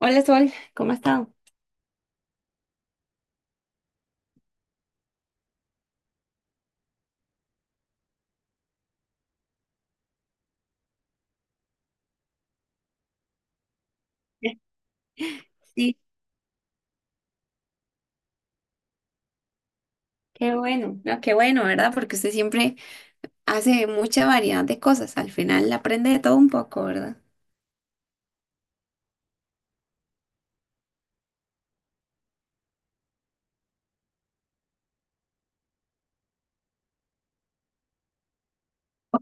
Hola Sol, ¿cómo has estado? Sí, qué bueno, no, qué bueno, ¿verdad? Porque usted siempre hace mucha variedad de cosas, al final aprende de todo un poco, ¿verdad?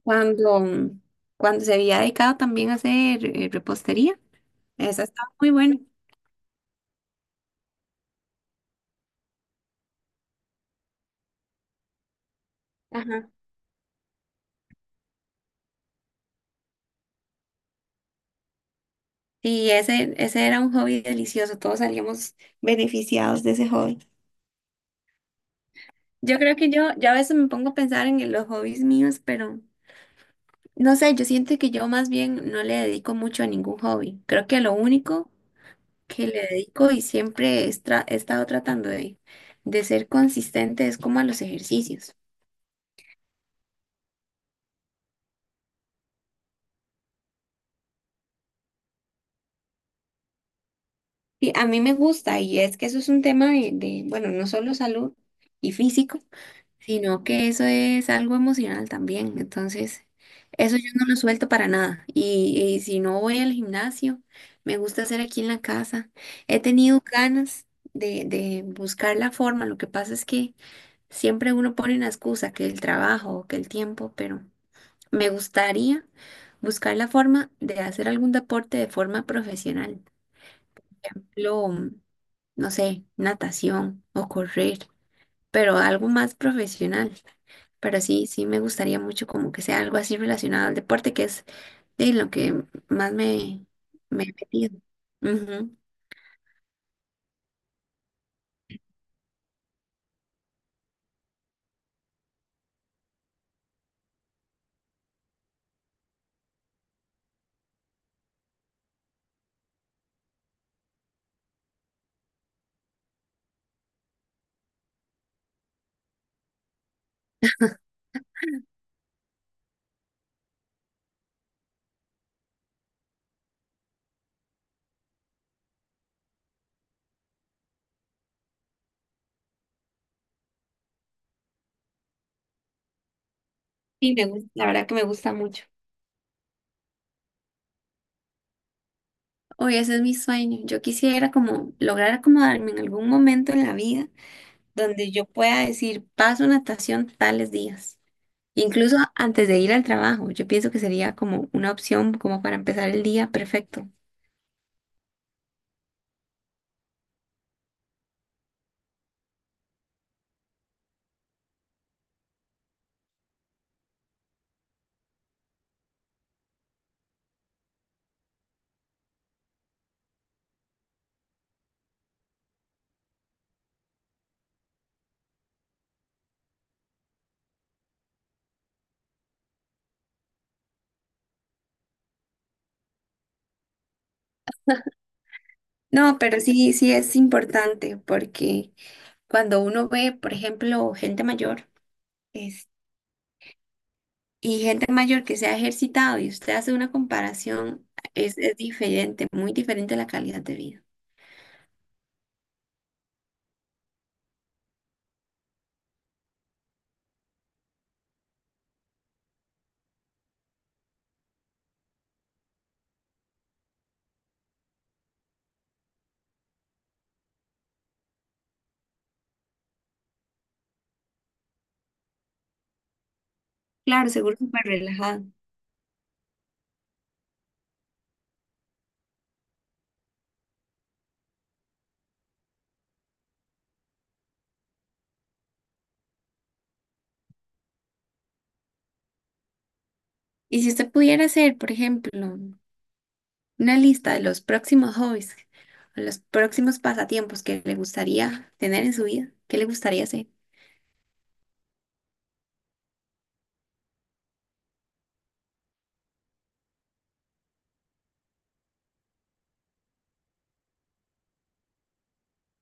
Cuando, cuando se había dedicado también a hacer repostería, esa estaba muy buena. Sí, ese era un hobby delicioso, todos salíamos beneficiados de ese hobby. Yo creo que yo a veces me pongo a pensar en los hobbies míos, pero no sé, yo siento que yo más bien no le dedico mucho a ningún hobby. Creo que lo único que le dedico y siempre he estado tratando de ser consistente es como a los ejercicios. Y a mí me gusta y es que eso es un tema bueno, no solo salud y físico, sino que eso es algo emocional también. Entonces, eso yo no lo suelto para nada. Y si no voy al gimnasio, me gusta hacer aquí en la casa. He tenido ganas de buscar la forma. Lo que pasa es que siempre uno pone una excusa, que el trabajo o que el tiempo, pero me gustaría buscar la forma de hacer algún deporte de forma profesional. Ejemplo, no sé, natación o correr, pero algo más profesional. Pero sí me gustaría mucho como que sea algo así relacionado al deporte, que es de lo que más me he metido. Ujú. Sí, me gusta, la verdad que me gusta mucho. Hoy ese es mi sueño. Yo quisiera como lograr acomodarme en algún momento en la vida donde yo pueda decir, paso natación tales días. Incluso antes de ir al trabajo, yo pienso que sería como una opción como para empezar el día perfecto. No, pero sí es importante porque cuando uno ve, por ejemplo, gente mayor es- y gente mayor que se ha ejercitado y usted hace una comparación, es diferente, muy diferente la calidad de vida. Claro, seguro súper relajado. Y si usted pudiera hacer, por ejemplo, una lista de los próximos hobbies, o los próximos pasatiempos que le gustaría tener en su vida, ¿qué le gustaría hacer?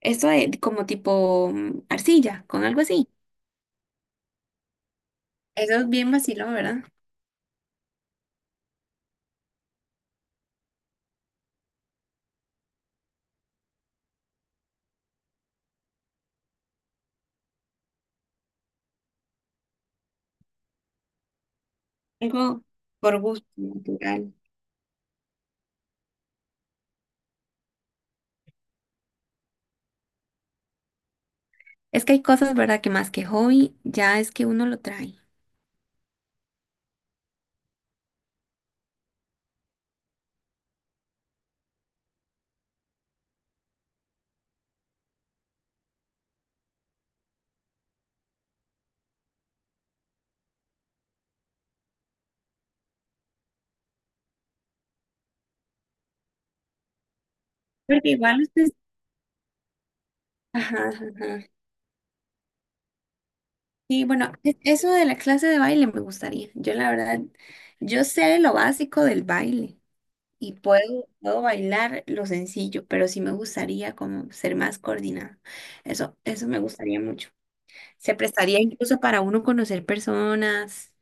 Esto de como tipo arcilla, con algo así. Eso es bien vacilón, ¿verdad? Algo por gusto, natural. Es que hay cosas, ¿verdad? Que más que hobby, ya es que uno lo trae. Porque igual usted... Ajá, ajá, ajá. Sí, bueno, eso de la clase de baile me gustaría. Yo la verdad, yo sé lo básico del baile y puedo bailar lo sencillo, pero sí me gustaría como ser más coordinada. Eso me gustaría mucho. Se prestaría incluso para uno conocer personas.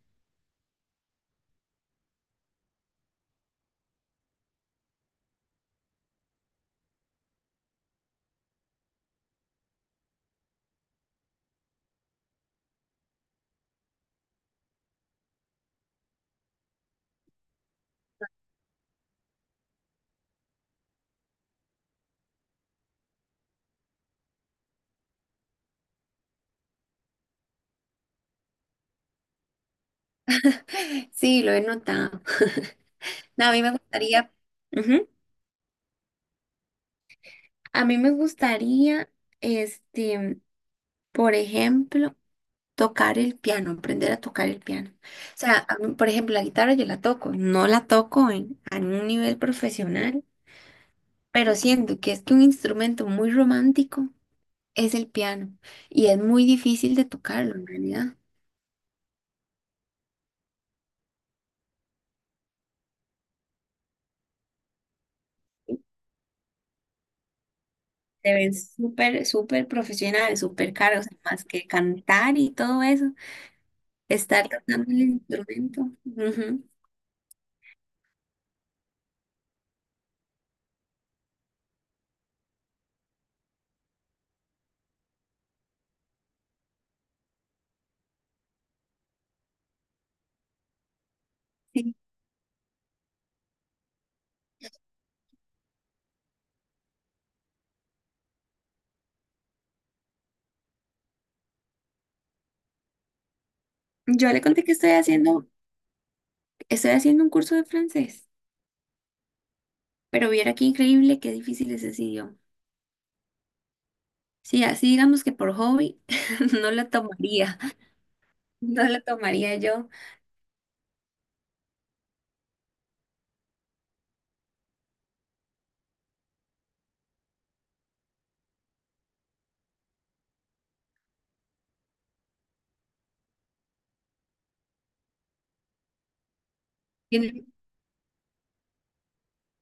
Sí, lo he notado. No, a mí me gustaría, ujú. A mí me gustaría, este, por ejemplo, tocar el piano, aprender a tocar el piano. O sea, a mí, por ejemplo, la guitarra yo la toco, no la toco en, a un nivel profesional, pero siento que es que un instrumento muy romántico es el piano y es muy difícil de tocarlo en realidad. Te ves súper profesional, súper caro, o sea, más que cantar y todo eso, estar tocando el instrumento. Ujú, sí. Yo le conté que estoy estoy haciendo un curso de francés. Pero viera qué increíble, qué difícil es ese idioma. Sí, así digamos que por hobby no la tomaría, no la tomaría yo. Tiene,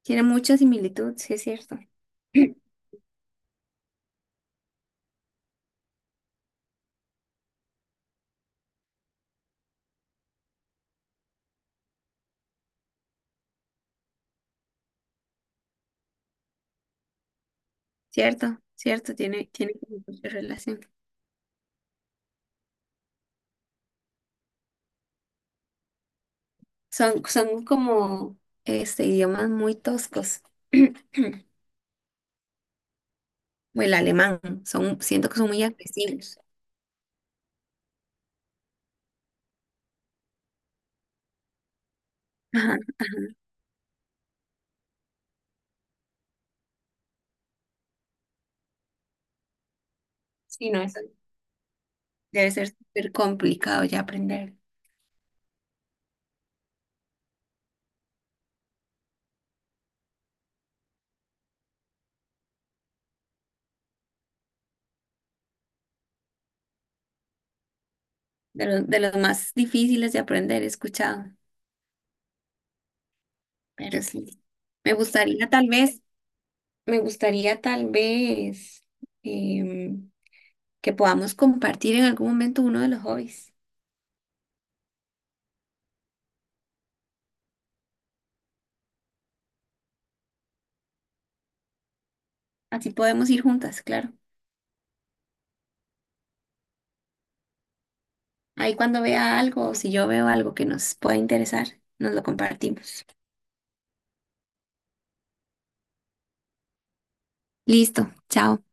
tiene mucha similitud, sí es cierto. Cierto, cierto, tiene como mucha relación. Son como idiomas muy toscos. O el alemán, son, siento que son muy agresivos. Ajá. Sí, no, eso debe ser súper complicado ya aprender. De los más difíciles de aprender, he escuchado. Pero sí, me gustaría tal vez, me gustaría tal vez em, que podamos compartir en algún momento uno de los hobbies. Así podemos ir juntas, claro. Ahí cuando vea algo o si yo veo algo que nos pueda interesar, nos lo compartimos. Listo, chao.